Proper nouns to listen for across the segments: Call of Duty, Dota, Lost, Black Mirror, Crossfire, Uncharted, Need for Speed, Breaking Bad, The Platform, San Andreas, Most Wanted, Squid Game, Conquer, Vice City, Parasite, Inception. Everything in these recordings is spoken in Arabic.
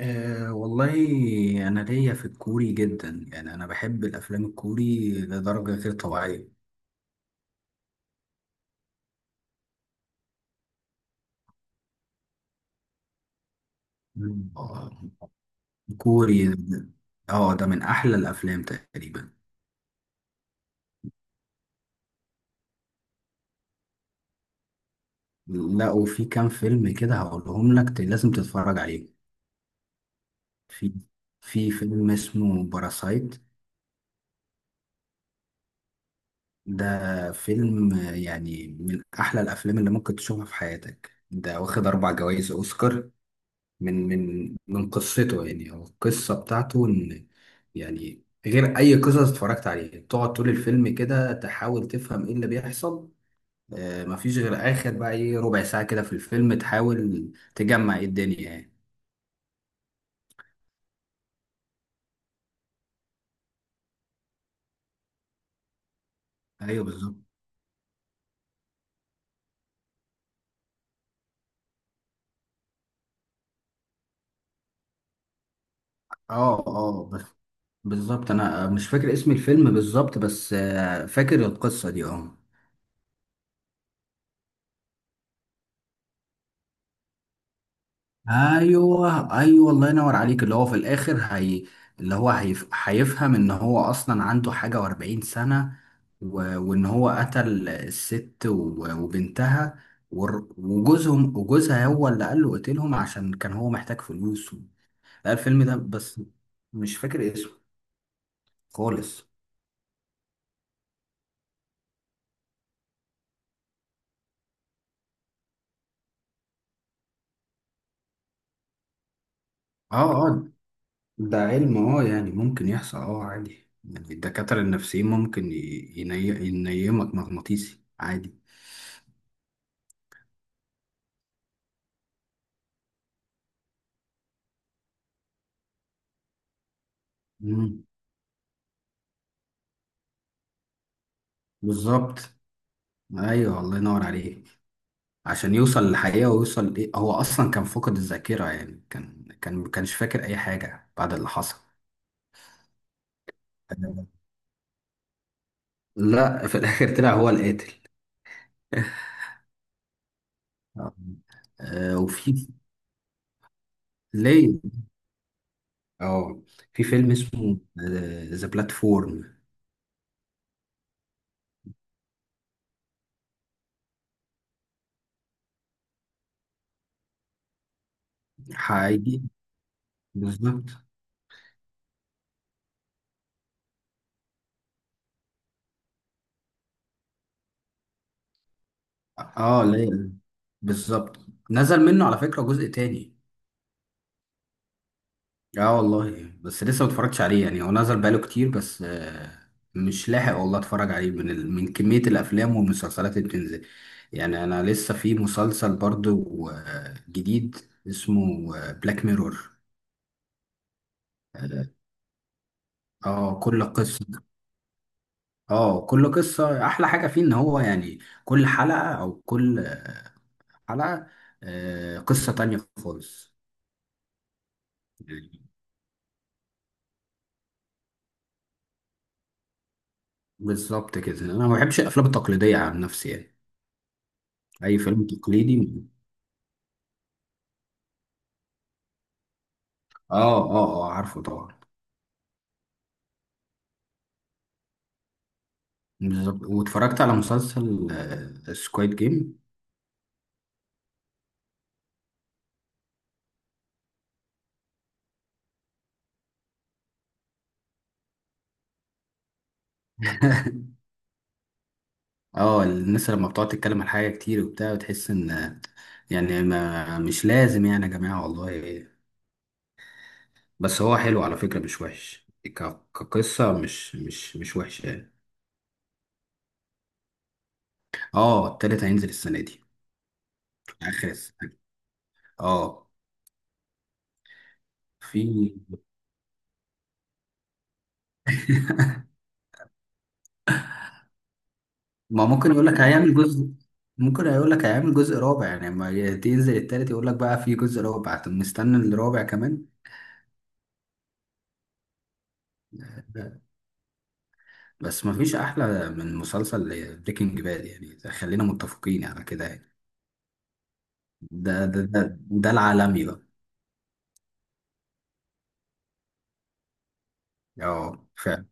أه والله. أنا ليا في الكوري جدا، يعني أنا بحب الأفلام الكوري لدرجة غير طبيعية. مم. كوري. اه ده من أحلى الأفلام تقريبا. لا وفي كام فيلم كده هقولهم لك، لازم تتفرج عليه. في في فيلم اسمه باراسايت. ده فيلم يعني من أحلى الأفلام اللي ممكن تشوفها في حياتك. ده واخد 4 جوائز أوسكار من قصته. يعني هو القصة بتاعته إن، يعني غير أي قصص اتفرجت عليها، تقعد طول الفيلم كده تحاول تفهم إيه اللي بيحصل. آه، مفيش غير آخر بقى إيه ربع ساعة كده في الفيلم تحاول تجمع إيه الدنيا يعني. أيوه بالظبط. بس بالظبط أنا مش فاكر اسم الفيلم بالظبط، بس آه فاكر القصة دي. آه، ايوه ايوه الله ينور عليك. اللي هو في الاخر هي، اللي هو هيفهم ان هو اصلا عنده حاجه و40 سنه، وان هو قتل الست وبنتها وجوزهم وجوزها، هو اللي قال له قتلهم عشان كان هو محتاج فلوس و... لا الفيلم ده بس مش فاكر اسمه خالص. اه اه ده علم، اه يعني ممكن يحصل، اه عادي. يعني الدكاتره النفسيين ممكن ينيمك مغناطيسي عادي. مم. بالظبط. ايوه الله ينور عليك، عشان يوصل للحقيقه ويوصل ايه. هو اصلا كان فاقد الذاكره، يعني كان ما كانش فاكر اي حاجه بعد اللي حصل. لا في الاخر طلع هو القاتل. آه. وفي ليه. اه في فيلم اسمه ذا بلاتفورم. هيجي بالظبط. اه ليه. بالظبط، نزل منه على فكره جزء تاني. اه والله بس لسه ما اتفرجتش عليه، يعني هو نزل بقاله كتير بس مش لاحق والله اتفرج عليه من من كمية الافلام والمسلسلات اللي بتنزل. يعني انا لسه في مسلسل برضو جديد اسمه بلاك ميرور. اه، كل قصة. اه كل قصة احلى حاجة فيه ان هو يعني كل حلقة او كل حلقة، قصة تانية خالص يعني. بالظبط كده، انا ما بحبش الافلام التقليدية عن نفسي يعني، اي فيلم تقليدي. اه اه اه عارفه طبعا. بالظبط. واتفرجت على مسلسل سكويد جيم. اه الناس لما بتقعد تتكلم عن حاجة كتير وبتاع، بتحس ان يعني ما مش لازم يعني يا جماعة والله. بس هو حلو على فكرة، مش وحش كقصة، مش وحشة يعني. اه التالت هينزل السنة دي، آخر السنة. اه في. ما ممكن يقول لك هيعمل جزء، ممكن يقول لك هيعمل جزء رابع. يعني لما تنزل التالت يقول لك بقى في جزء رابع، طب مستني الرابع كمان. بس مفيش احلى من مسلسل بريكنج باد يعني، خلينا متفقين على كده يعني. ده العالمي بقى. اه فعلا.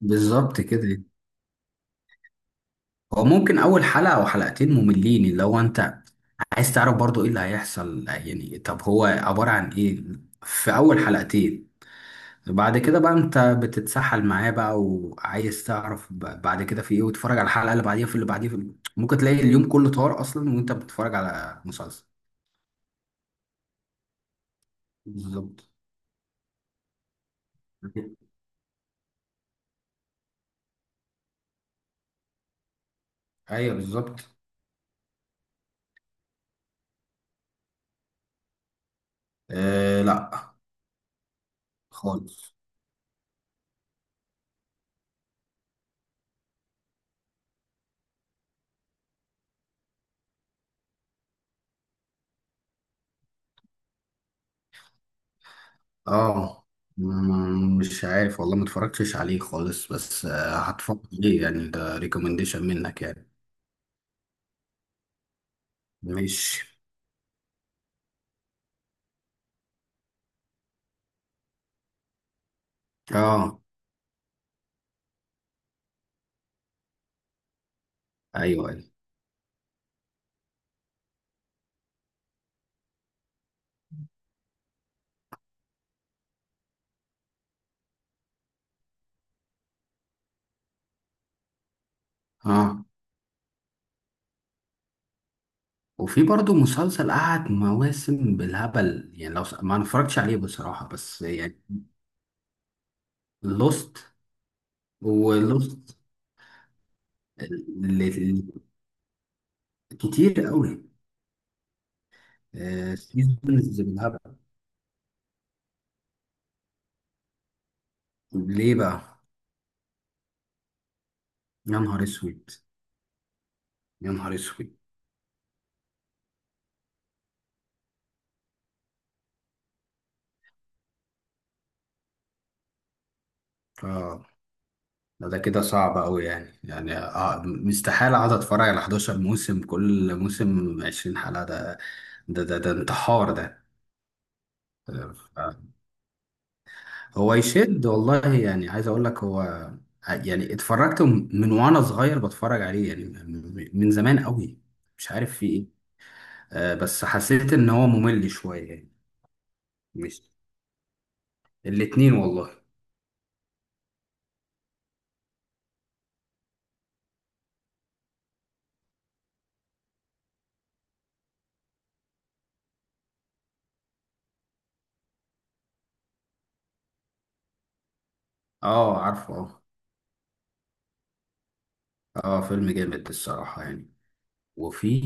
بالظبط كده يعني. هو ممكن اول حلقه او حلقتين مملين، اللي هو انت عايز تعرف برضو ايه اللي هيحصل يعني، طب هو عباره عن ايه في اول حلقتين. بعد كده بقى انت بتتسحل معاه بقى وعايز تعرف بعد كده في ايه، وتتفرج على الحلقه اللي بعديها، في اللي بعديها، ممكن تلاقي اليوم كله طار اصلا وانت بتتفرج على مسلسل. بالظبط. ايوه بالظبط. آه لا خالص. اه مم، مش عارف والله ما اتفرجتش عليه خالص، بس هتفرج عليه يعني، ده ريكومنديشن منك يعني. ماشي. اه ايوه ايوه. اه وفي برضه مسلسل قعد مواسم بالهبل يعني، ما أنا اتفرجتش عليه بصراحة بس يعني. لوست. ولوست ال- ال- كتير قوي. آه، سيزونز بالهبل. ليه بقى. يا نهار اسود، يا نهار اسود. اه لا ده كده صعب أوي يعني، يعني آه مستحيل أقعد أتفرج على 11 موسم، كل موسم 20 حلقة. ده ده انتحار ده. آه، هو يشد والله. يعني عايز أقول لك هو يعني اتفرجت من وأنا صغير بتفرج عليه، يعني من زمان أوي. مش عارف في إيه. بس حسيت إن هو ممل شوية يعني. مش، الاتنين والله. اه عارفه اه. اه فيلم جامد الصراحة يعني. وفي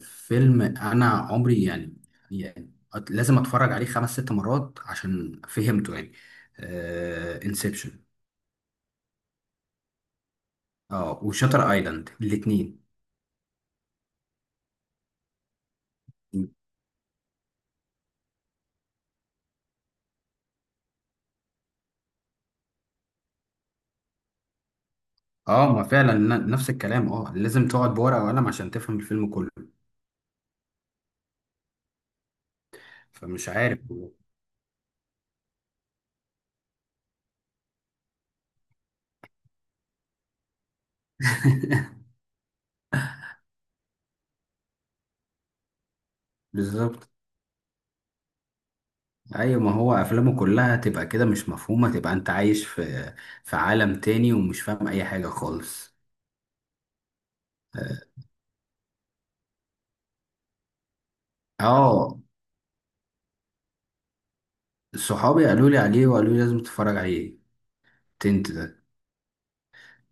فيلم انا عمري يعني، يعني لازم اتفرج عليه 5 6 مرات عشان فهمته يعني، انسبشن. اه وشاتر ايلاند الاثنين. اه ما فعلا نفس الكلام. اه لازم تقعد بورقة وقلم عشان تفهم الفيلم كله، فمش عارف. بالظبط. ايوه ما هو افلامه كلها تبقى كده مش مفهومة، تبقى انت عايش في في عالم تاني ومش فاهم اي حاجة خالص. اه. آه، صحابي قالوا لي عليه وقالوا لي لازم تتفرج عليه، تنت ده.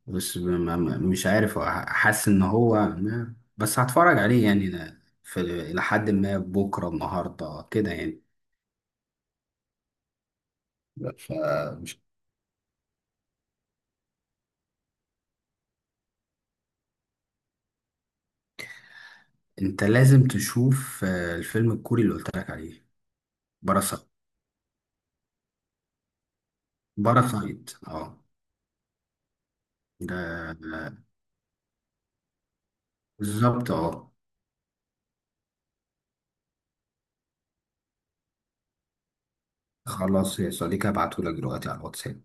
بس مش عارف، حاسس ان هو بس هتفرج عليه. يعني أنا في الى حد ما بكره النهارده كده يعني. لا، فمش. انت لازم تشوف الفيلم الكوري اللي قلت لك عليه، باراسايت. اه ده. ده بالظبط اه. خلاص يا صديقي، هبعتهولك دلوقتي على الواتساب.